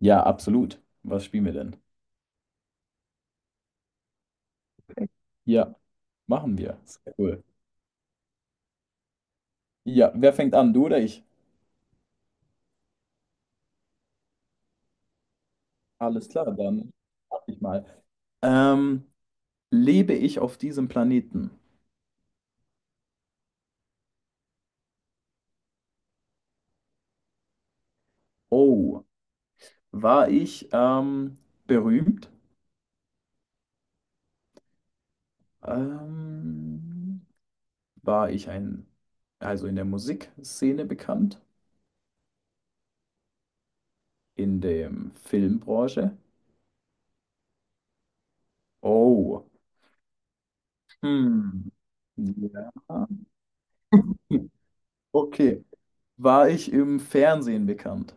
Ja, absolut. Was spielen wir denn? Ja, machen wir. Sehr cool. Ja, wer fängt an? Du oder ich? Alles klar, dann mach ich mal. Ähm, Lebe ich auf diesem Planeten? Oh, war ich berühmt? Ähm, war ich ein, also in der Musikszene bekannt? In der Filmbranche? Oh, hm. Ja. Okay. War ich im Fernsehen bekannt?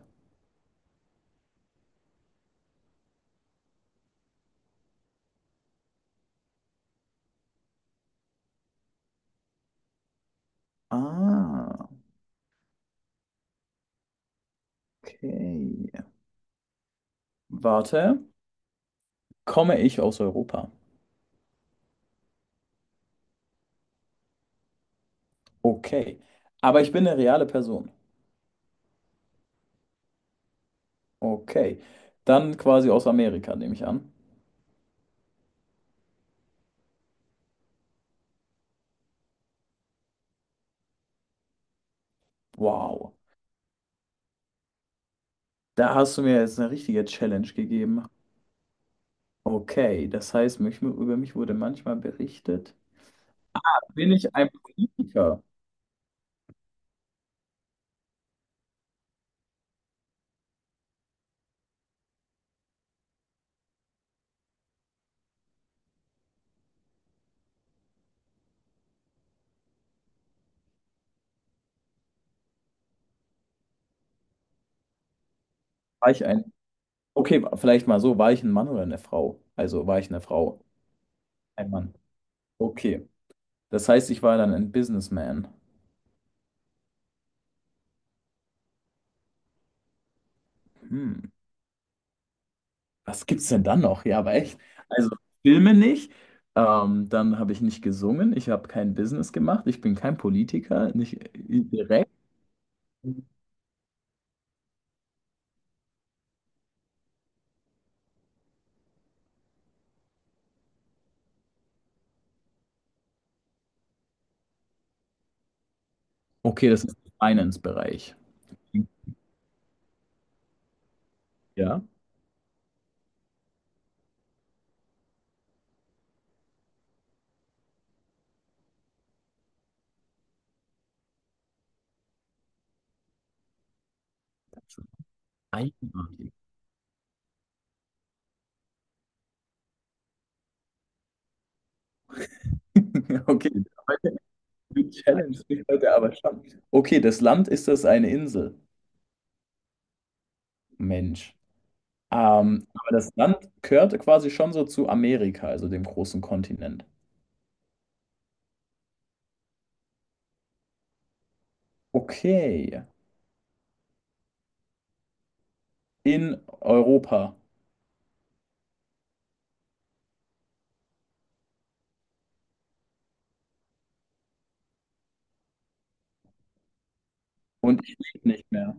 Ah, okay. Warte, komme ich aus Europa? Okay. Aber ich bin eine reale Person. Okay. Dann quasi aus Amerika, nehme ich an. Wow. Da hast du mir jetzt eine richtige Challenge gegeben. Okay, das heißt, über mich wurde manchmal berichtet. Bin ich ein Politiker? War ich ein... Okay, vielleicht mal so, war ich ein Mann oder eine Frau? Also war ich eine Frau? Ein Mann. Okay. Das heißt, ich war dann ein Businessman. Hm. Was gibt's denn dann noch? Ja, aber echt. Also Filme nicht. Dann habe ich nicht gesungen. Ich habe kein Business gemacht. Ich bin kein Politiker. Nicht direkt. Okay, das ist Finance-Bereich. Ja. Einmalig. Okay, heute- die Challenge liegt heute aber schon. Okay, das Land ist das eine Insel. Mensch. Aber das Land gehört quasi schon so zu Amerika, also dem großen Kontinent. Okay. In Europa. Und ich lebe nicht mehr.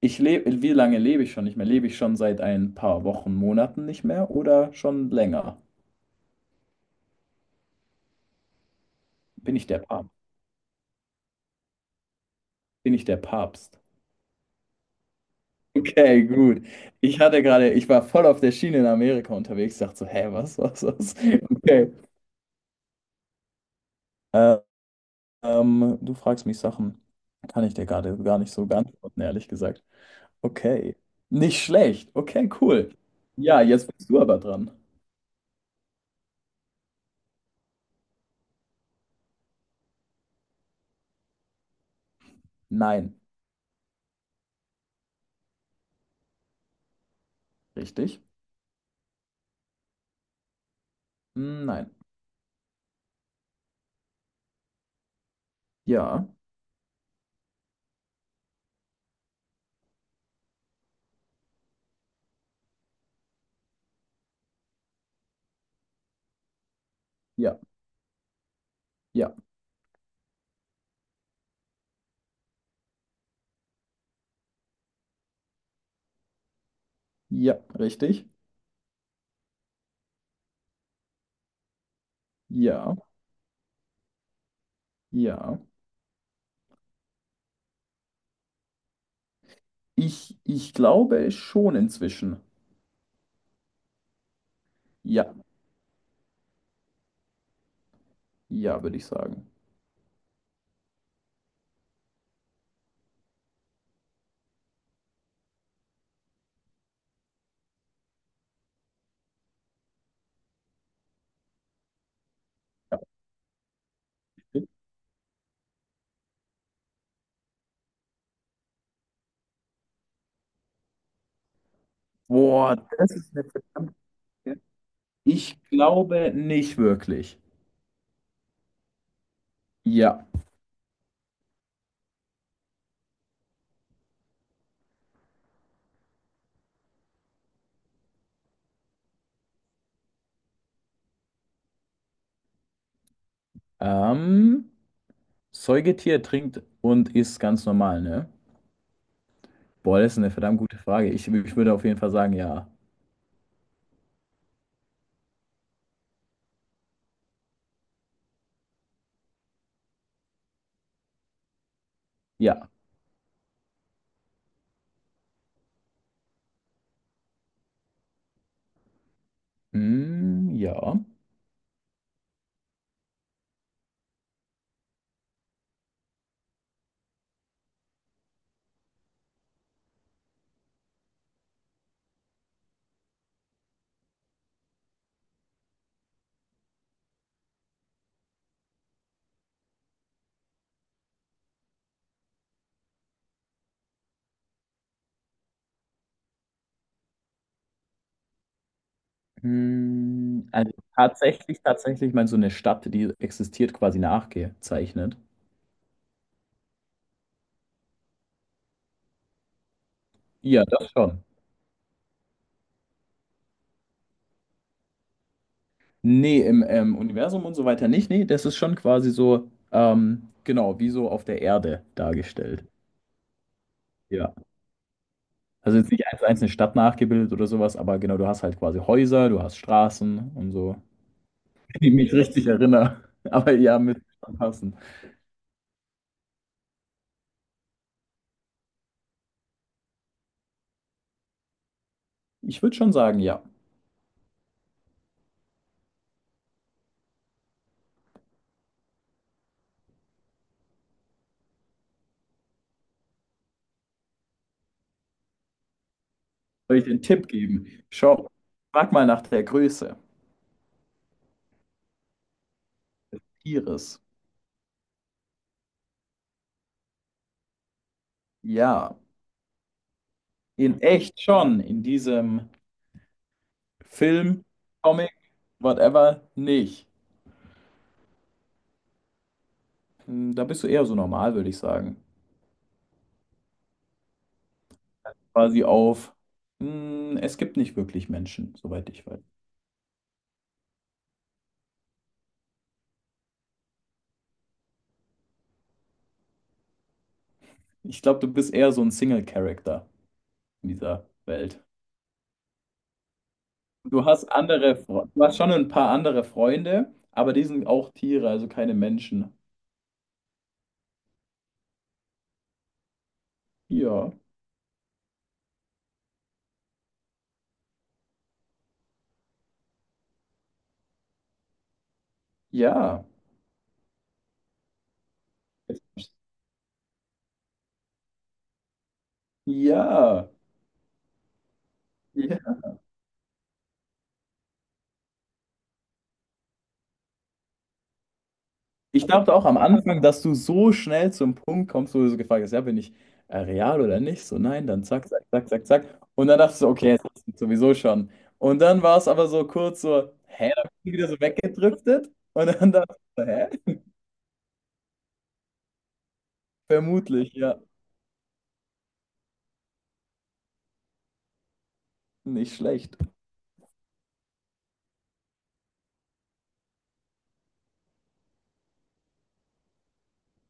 Wie lange lebe ich schon nicht mehr? Lebe ich schon seit ein paar Wochen, Monaten nicht mehr oder schon länger? Bin ich der Papst? Bin ich der Papst? Okay, gut. Ich war voll auf der Schiene in Amerika unterwegs, dachte so, hä, was? Okay. Äh, ähm, du fragst mich Sachen, kann ich dir gerade gar nicht so beantworten, ehrlich gesagt. Okay. Nicht schlecht. Okay, cool. Ja, jetzt bist du aber dran. Nein. Richtig? Hm, nein. Ja. Ja. Ja. Ja. Richtig? Ja, ja. Ich glaube schon inzwischen. Ja, ja, würde ich sagen. Ja. Boah, das ist eine verdammte. Ich glaube nicht wirklich. Ja. Ähm, Säugetier trinkt und isst ganz normal, ne? Boah, das ist eine verdammt gute Frage. Ich würde auf jeden Fall sagen, ja. Ja. Hm, ja. Hm, also tatsächlich mal so eine Stadt, die existiert, quasi nachgezeichnet. Ja, das schon. Nee, im Universum und so weiter nicht. Nee, das ist schon quasi so, genau, wie so auf der Erde dargestellt. Ja. Also jetzt nicht eins zu eins eine Stadt nachgebildet oder sowas, aber genau, du hast halt quasi Häuser, du hast Straßen und so. Wenn ich mich richtig erinnere. Aber ja, mit schon passen. Ich würde schon sagen, ja. Soll ich dir einen Tipp geben? Schau, frag mal nach der Größe ihres. Ja, in echt schon, in diesem Film, Comic, whatever, nicht. Hm, da bist du eher so normal, würde ich sagen. Quasi auf, hm, es gibt nicht wirklich Menschen, soweit ich weiß. Ich glaube, du bist eher so ein Single-Character in dieser Welt. Du hast andere, du hast schon ein paar andere Freunde, aber die sind auch Tiere, also keine Menschen. Ja, ja, ja, ja. Ich dachte auch am Anfang, dass du so schnell zum Punkt kommst, wo du so gefragt hast, ja, bin ich real oder nicht? So, nein, dann zack, zack, zack, zack, zack. Und dann dachtest du, okay, jetzt hast du sowieso schon. Und dann war es aber so kurz so, hä, dann bin ich wieder so weggedriftet. Und dann dachte ich, so, hä? Vermutlich, ja, nicht schlecht.